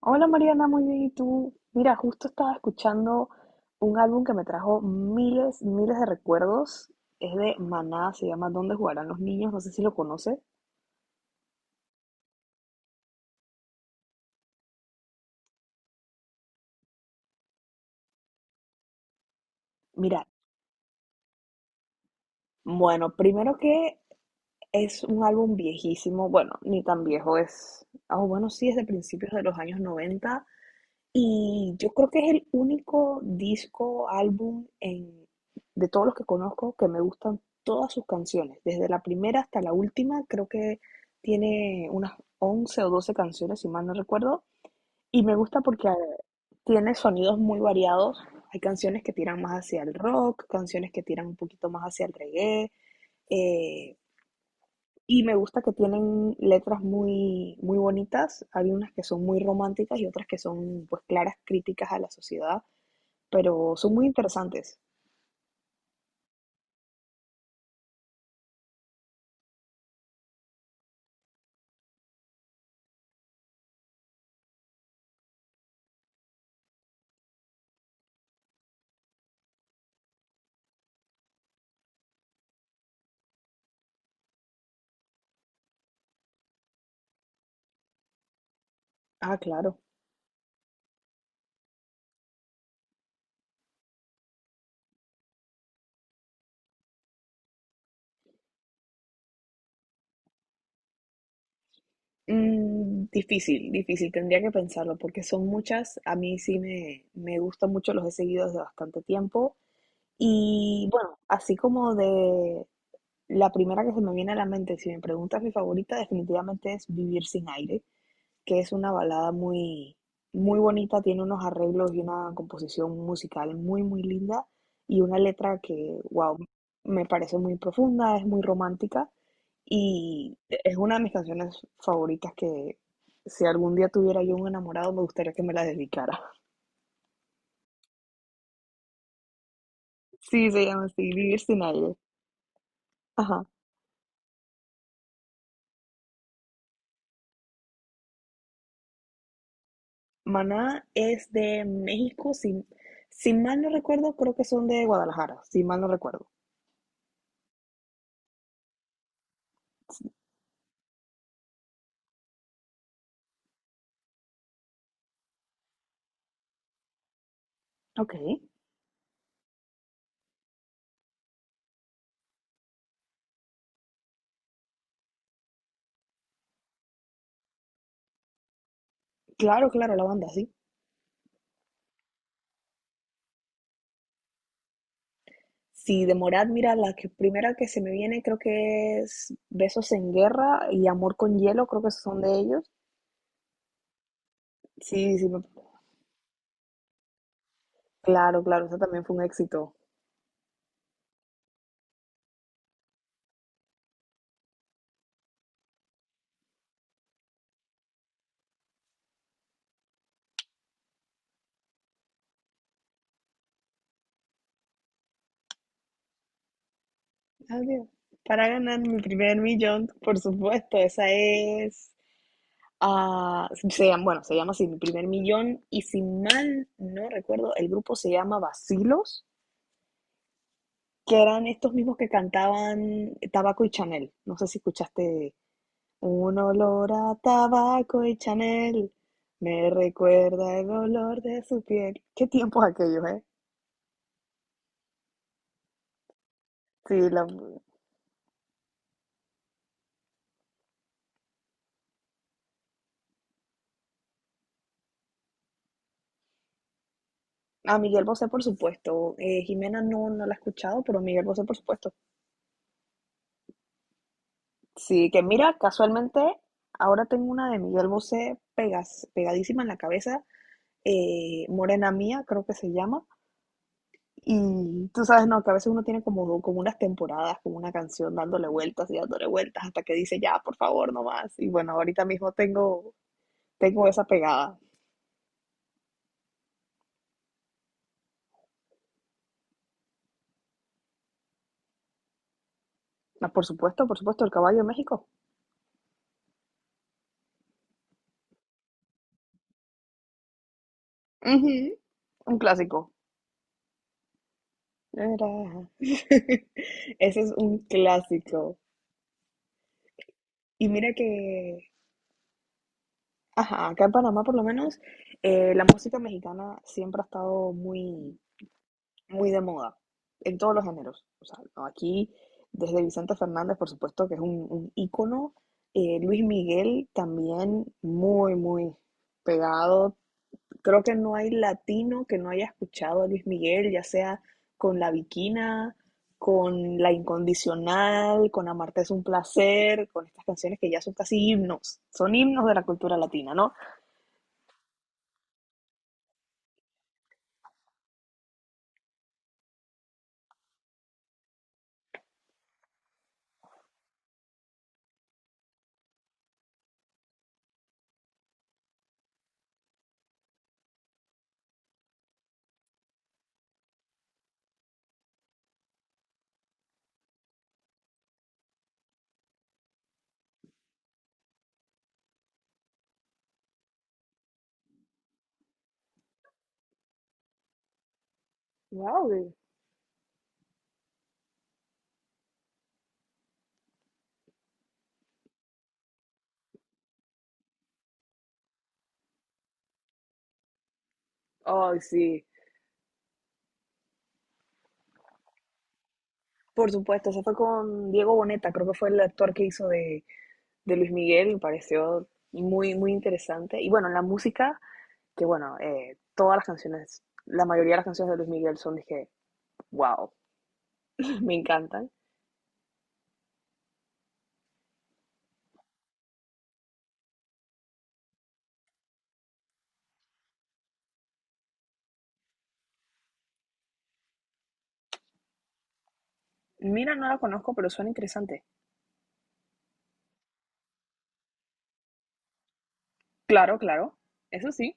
Hola Mariana, muy bien. ¿Y tú? Mira, justo estaba escuchando un álbum que me trajo miles, miles de recuerdos. Es de Maná, se llama ¿Dónde jugarán los niños? No sé si lo conoces. Mira, bueno, primero que es un álbum viejísimo, bueno, ni tan viejo es, ah, bueno, sí, es de principios de los años 90. Y yo creo que es el único disco, álbum en, de todos los que conozco que me gustan todas sus canciones, desde la primera hasta la última, creo que tiene unas 11 o 12 canciones, si mal no recuerdo, y me gusta porque tiene sonidos muy variados, hay canciones que tiran más hacia el rock, canciones que tiran un poquito más hacia el reggae, eh, y me gusta que tienen letras muy, muy bonitas. Hay unas que son muy románticas y otras que son pues claras críticas a la sociedad, pero son muy interesantes. Ah, claro. Mm, difícil, difícil, tendría que pensarlo porque son muchas. A mí sí me gustan mucho, los he seguido desde bastante tiempo. Y bueno, así como de la primera que se me viene a la mente, si me preguntas mi favorita, definitivamente es Vivir sin aire, que es una balada muy, muy bonita, tiene unos arreglos y una composición musical muy, muy linda y una letra que, wow, me parece muy profunda, es muy romántica y es una de mis canciones favoritas que si algún día tuviera yo un enamorado me gustaría que me la dedicara. Sí, se llama así, Vivir sin aire. Ajá. Maná es de México, si mal no recuerdo, creo que son de Guadalajara, si mal no recuerdo. Ok. Claro, claro, la banda, sí. si de Morat, mira, primera que se me viene creo que es Besos en Guerra y Amor con Hielo, creo que esos son de ellos. Sí, sí, me- claro, claro, esa también fue un éxito. Adiós. Para ganar mi primer millón, por supuesto, esa es... ah, bueno, se llama así, mi primer millón, y si mal no recuerdo, el grupo se llama Vacilos, que eran estos mismos que cantaban Tabaco y Chanel. No sé si escuchaste un olor a tabaco y Chanel me recuerda el olor de su piel. Qué tiempos aquellos, ¿eh? Sí, la- a Miguel Bosé, por supuesto. Jimena no, no la he escuchado, pero Miguel Bosé, por supuesto. Sí, que mira, casualmente ahora tengo una de Miguel Bosé pegadísima en la cabeza. Morena Mía, creo que se llama. Y tú sabes, no, que a veces uno tiene como unas temporadas, como una canción dándole vueltas y dándole vueltas hasta que dice, ya, por favor, no más. Y bueno, tengo esa pegada. Ah, por supuesto, el caballo de México. Ujú, un clásico. Era- Ese es un clásico. Y mira que, ajá, acá en Panamá por lo menos, la música mexicana siempre ha estado muy, muy de moda, en todos los géneros. O sea, no, aquí, desde Vicente Fernández, por supuesto, que es un ícono. Luis Miguel también muy, muy pegado. Creo que no hay latino que no haya escuchado a Luis Miguel, ya sea con La Viquina, con La Incondicional, con Amarte es un placer, con estas canciones que ya son casi himnos, son himnos de la cultura latina, ¿no? Wow, ay, sí. Por supuesto, eso fue con Diego Boneta, creo que fue el actor que hizo de Luis Miguel, me pareció muy, muy interesante. Y bueno, la música, que bueno, todas las canciones, la mayoría de las canciones de Luis Miguel son, dije, wow, me encantan. Mira, no la conozco, pero suena interesante. Claro, claro, eso sí.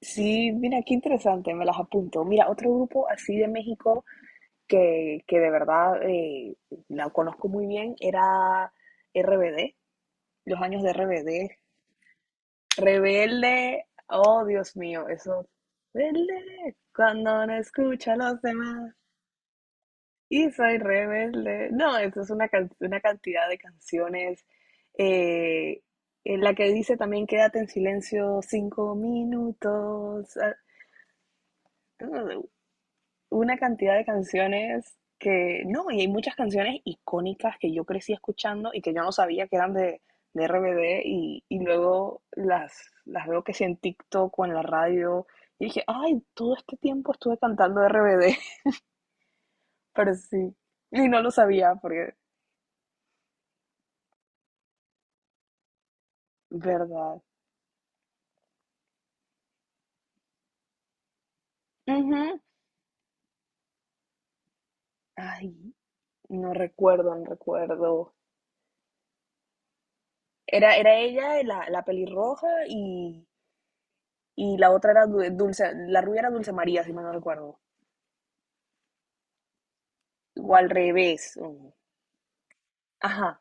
Sí, mira, qué interesante, me las apunto. Mira, otro grupo así de México que de verdad la conozco muy bien era RBD. Los años de RBD, Rebelde, oh Dios mío, eso. Rebelde, cuando no escucha a los demás. Y soy rebelde. No, eso es una cantidad de canciones. eh, en la que dice también quédate en silencio 5 minutos. Ah, una cantidad de canciones que, no, y hay muchas canciones icónicas que yo crecí escuchando y que yo no sabía que eran de RBD y luego las veo que sí en TikTok o en la radio y dije, ay, todo este tiempo estuve cantando RBD, pero sí, y no lo sabía porque, verdad. Ujú. Ay, no recuerdo, no recuerdo. Era, era ella, la pelirroja, y la otra era Dulce, la rubia era Dulce María, si mal no recuerdo. O al revés. O- Ajá.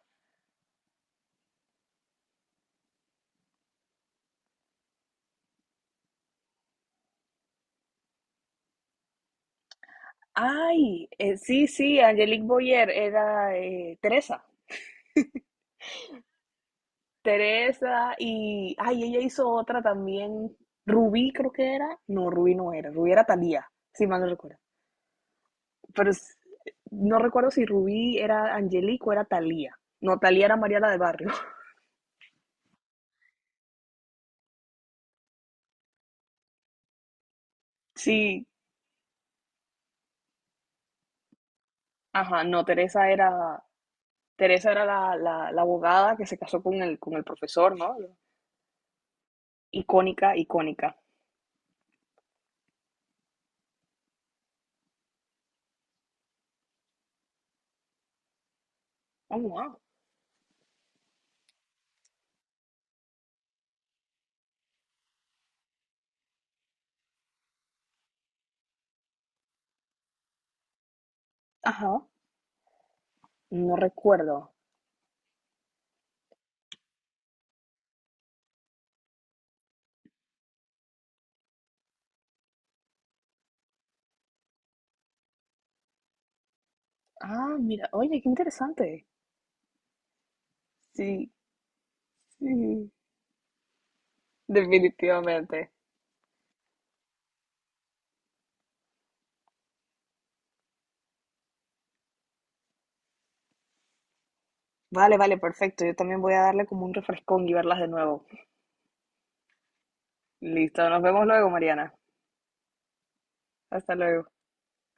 Ay, sí, sí, Angelique Boyer era Teresa. Teresa y, ay, ella hizo otra también. Rubí creo que era. No, Rubí no era. Rubí era Talía, si mal no recuerdo. Pero es- no recuerdo si Rubí era Angelique o era Talía. No, Talía era Mariana del Barrio. Sí, ajá, no, Teresa era la abogada que se casó con el profesor, ¿no? Icónica, icónica. Oh, wow. Ajá. No recuerdo. Ah, mira, oye, qué interesante. Sí, sí, definitivamente. Vale, vale, perfecto. Yo también voy a darle como un refrescón y verlas de nuevo. Listo, nos vemos luego, Mariana. Hasta luego.